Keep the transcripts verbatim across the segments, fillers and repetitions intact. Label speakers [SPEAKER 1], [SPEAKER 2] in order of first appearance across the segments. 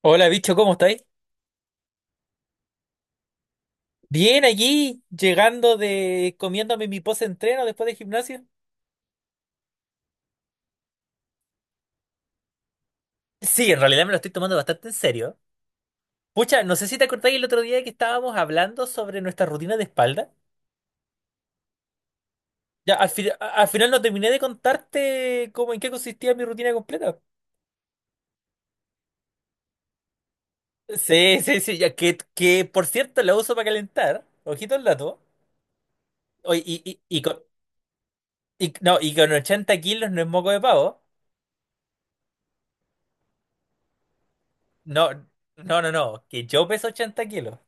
[SPEAKER 1] Hola, bicho, ¿cómo estáis? Bien, aquí, llegando de comiéndome mi post-entreno después de gimnasio. Sí, en realidad me lo estoy tomando bastante en serio. Pucha, no sé si te acordáis el otro día que estábamos hablando sobre nuestra rutina de espalda. Ya, al fi- a- al final no terminé de contarte cómo en qué consistía mi rutina completa. Sí, sí, sí, ya que, que por cierto la uso para calentar. Ojito al dato. Oye, y, y, y con, y- no, y con ochenta kilos no es moco de pavo. No, no, no, no, que yo peso ochenta kilos.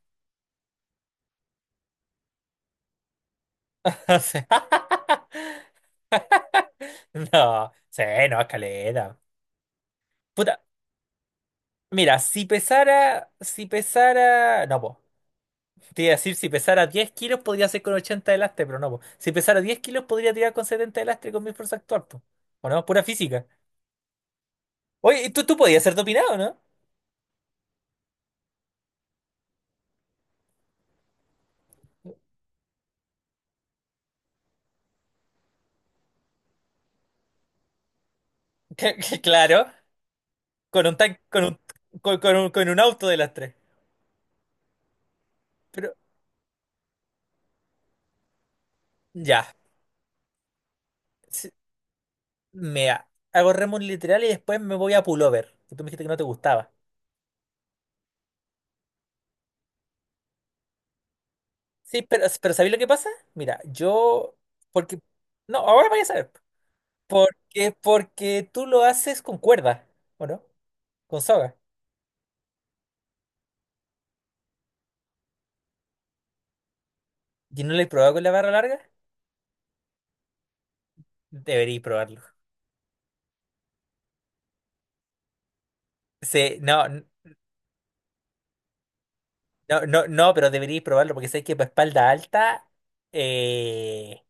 [SPEAKER 1] O sea, No, sí, no, escalera. Puta, mira, si pesara, si pesara, no, po. Te iba a decir, si pesara diez kilos podría hacer con ochenta de lastre, pero no, po. Si pesara diez kilos podría tirar con setenta de lastre con mi fuerza actual, po. ¿O no? Pura física. Oye, tú, tú podías ser dopinado, ¿no? Claro, con un tan, con un, con, con un, con un auto de lastre. Pero, ya. Sí, mira, hago remo literal y después me voy a pullover. Que tú me dijiste que no te gustaba. Sí, pero, pero ¿sabéis lo que pasa? Mira, yo, porque, no, ahora vaya a saber, porque, porque tú lo haces con cuerda, ¿o no? Con soga. ¿Y no lo he probado con la barra larga? Deberíais probarlo. Sí, no, n- no, no, no, pero deberíais probarlo porque sé que para espalda alta eh,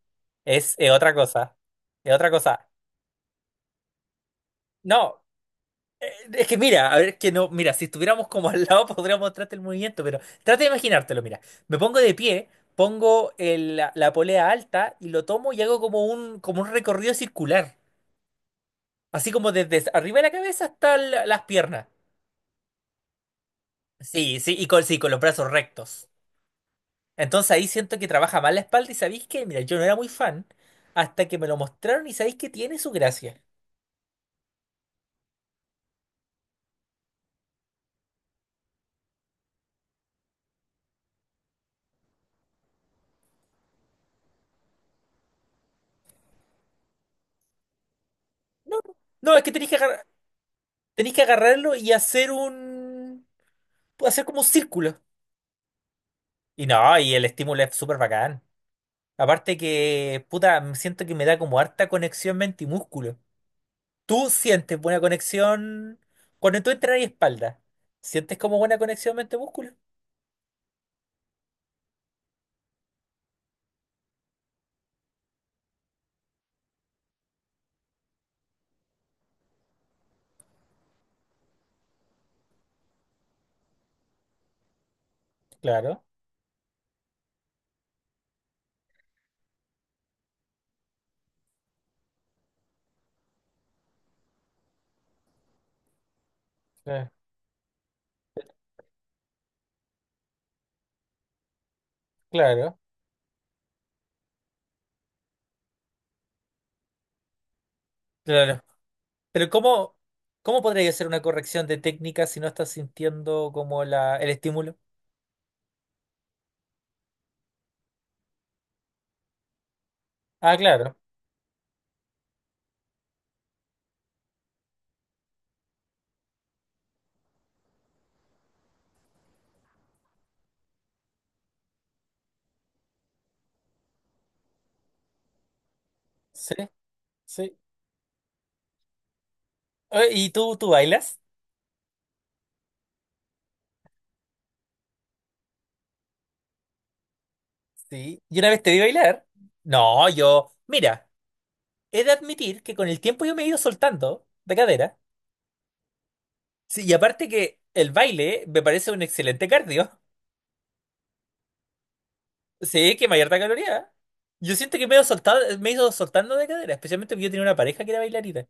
[SPEAKER 1] es, es otra cosa, es otra cosa. No. Eh, Es que mira, a ver, es que no, mira, si estuviéramos como al lado podríamos mostrarte el movimiento, pero trata de imaginártelo, mira. Me pongo de pie, pongo el- la, la polea alta y lo tomo y hago como un, como un recorrido circular. Así como desde arriba de la cabeza hasta la- las piernas. Sí, sí, y con, sí, con los brazos rectos. Entonces ahí siento que trabaja mal la espalda y sabéis que, mira, yo no era muy fan hasta que me lo mostraron y sabéis que tiene su gracia. No, no, no, es que tenéis que agarrar, tenéis que agarrarlo y hacer un, hacer como un círculo. Y no, y el estímulo es súper bacán. Aparte que, puta, me siento que me da como harta conexión mente y músculo. ¿Tú sientes buena conexión cuando tú entras y espalda? ¿Sientes como buena conexión mente-músculo? Claro, eh, claro, claro. Pero ¿cómo, cómo podría hacer una corrección de técnica si no estás sintiendo como la, el estímulo? Ah, claro. Sí, sí. Eh, ¿Y tú, tú bailas? Sí. ¿Y una vez te vi bailar? No, yo, mira. He de admitir que con el tiempo yo me he ido soltando de cadera. Sí, y aparte que el baile me parece un excelente cardio. Sí, que mayor caloría. Yo siento que me he ido soltado, me he ido soltando de cadera, especialmente porque yo tenía una pareja que era bailarina.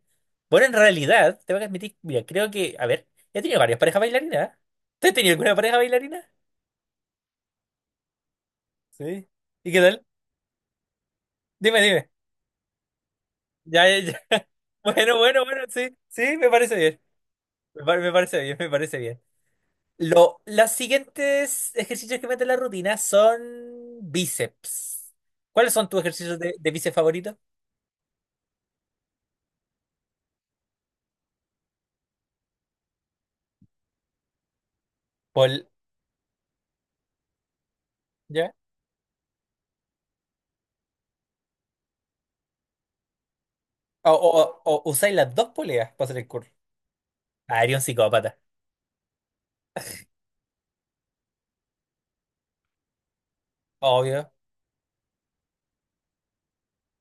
[SPEAKER 1] Bueno, en realidad, tengo que admitir, mira, creo que, a ver, he tenido varias parejas bailarinas. ¿Eh? ¿Tú has tenido alguna pareja bailarina? Sí, ¿y qué tal? Dime, dime. Ya, ya, ya. Bueno, bueno, bueno, sí, sí, me parece bien. Me, par- me parece bien, me parece bien. Lo, los siguientes ejercicios que mete la rutina son bíceps. ¿Cuáles son tus ejercicios de, de bíceps favoritos? Pol, ¿Ya? O, o, o- o usáis las dos poleas para hacer el curl. Ah, eres un psicópata. Obvio,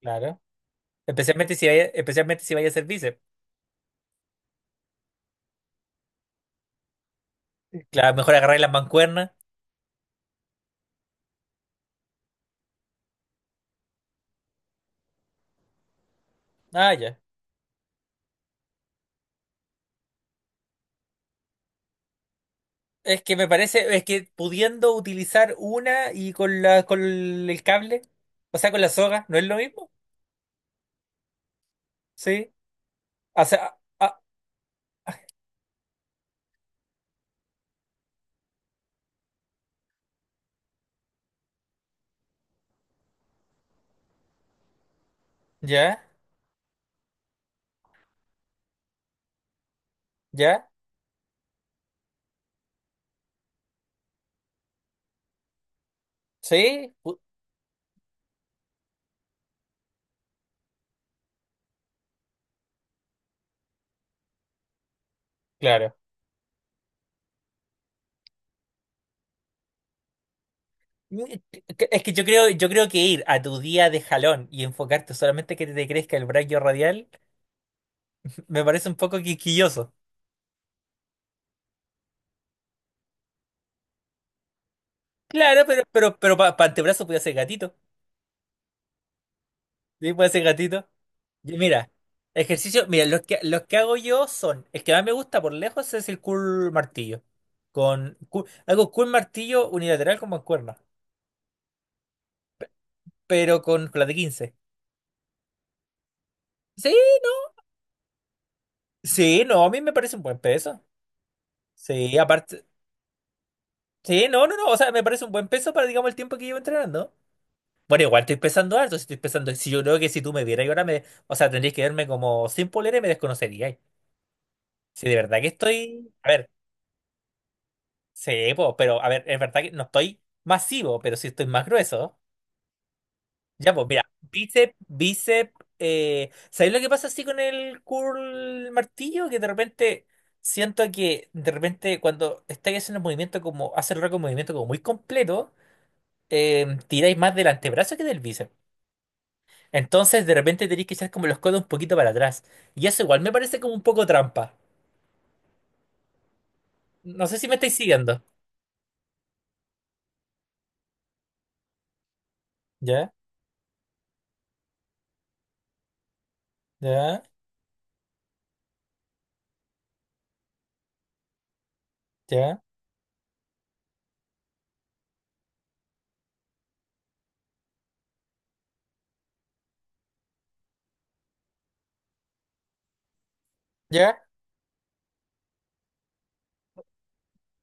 [SPEAKER 1] claro. Especialmente si vaya, especialmente si vaya a hacer bíceps. Claro, mejor agarrar las mancuernas. Ah, ya. Es que me parece, es que pudiendo utilizar una y con la, con el cable, o sea, con la soga, ¿no es lo mismo? Sí. O sea, ah, ya, ya, sí, u- claro. Es que yo creo, yo creo que ir a tu día de jalón y enfocarte solamente que te crezca el braquio radial me parece un poco quisquilloso. Claro, pero, pero, pero para antebrazo puede ser gatito. Sí, puede ser gatito. Y mira, ejercicio, mira, los que, los que hago yo son, el que más me gusta por lejos es el curl martillo. Con, cur- hago curl martillo unilateral con mancuerna, pero con, con la de quince. Sí, sí, no, a mí me parece un buen peso. Sí, aparte, sí, no, no, no, o sea, me parece un buen peso para, digamos, el tiempo que llevo entrenando. Bueno, igual estoy pensando harto, si estoy pensando, si yo creo que si tú me vieras y ahora me, o sea, tendrías que verme como sin polera y me desconocerías. Si de verdad que estoy, a ver, sí, po, pero a ver, es verdad que no estoy masivo, pero sí estoy más grueso. Ya, pues mira, bíceps, bíceps, eh, ¿sabéis lo que pasa así con el curl martillo? Que de repente siento que de repente cuando estáis haciendo el movimiento como, hace el rato un movimiento como muy completo, eh, tiráis más del antebrazo que del bíceps. Entonces de repente tenéis que echar como los codos un poquito para atrás. Y eso igual me parece como un poco trampa. No sé si me estáis siguiendo. Ya, ya, ya, ya.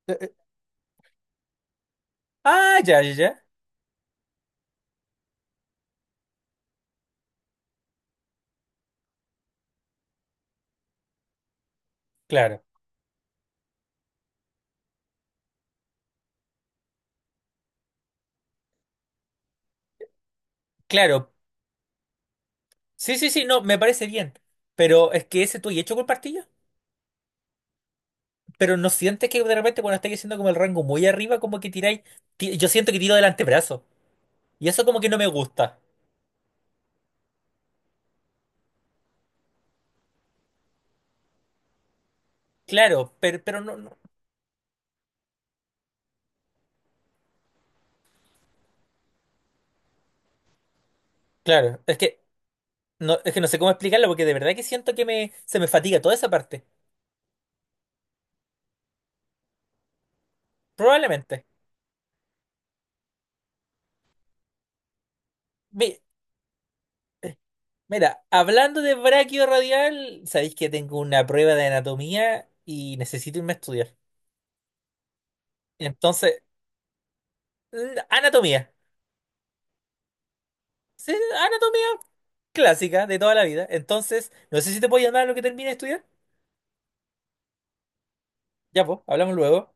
[SPEAKER 1] eh, eh. Ah, ya, ya, ya. Claro, claro. Sí, sí, sí, no, me parece bien. Pero es que ese tú y hecho con partillo. Pero no sientes que de repente cuando estáis haciendo como el rango muy arriba, como que tiráis. ti- Yo siento que tiro del antebrazo. Y eso como que no me gusta. Claro, pero, pero no, no. Claro, es que no, es que no sé cómo explicarlo porque de verdad que siento que me, se me fatiga toda esa parte. Probablemente. Mi- mira, hablando de braquio radial, sabéis que tengo una prueba de anatomía y necesito irme a estudiar. Entonces, mm, anatomía. Sí, anatomía clásica de toda la vida. Entonces, no sé si te puedo llamar a lo que termine de estudiar. Ya, pues, hablamos luego.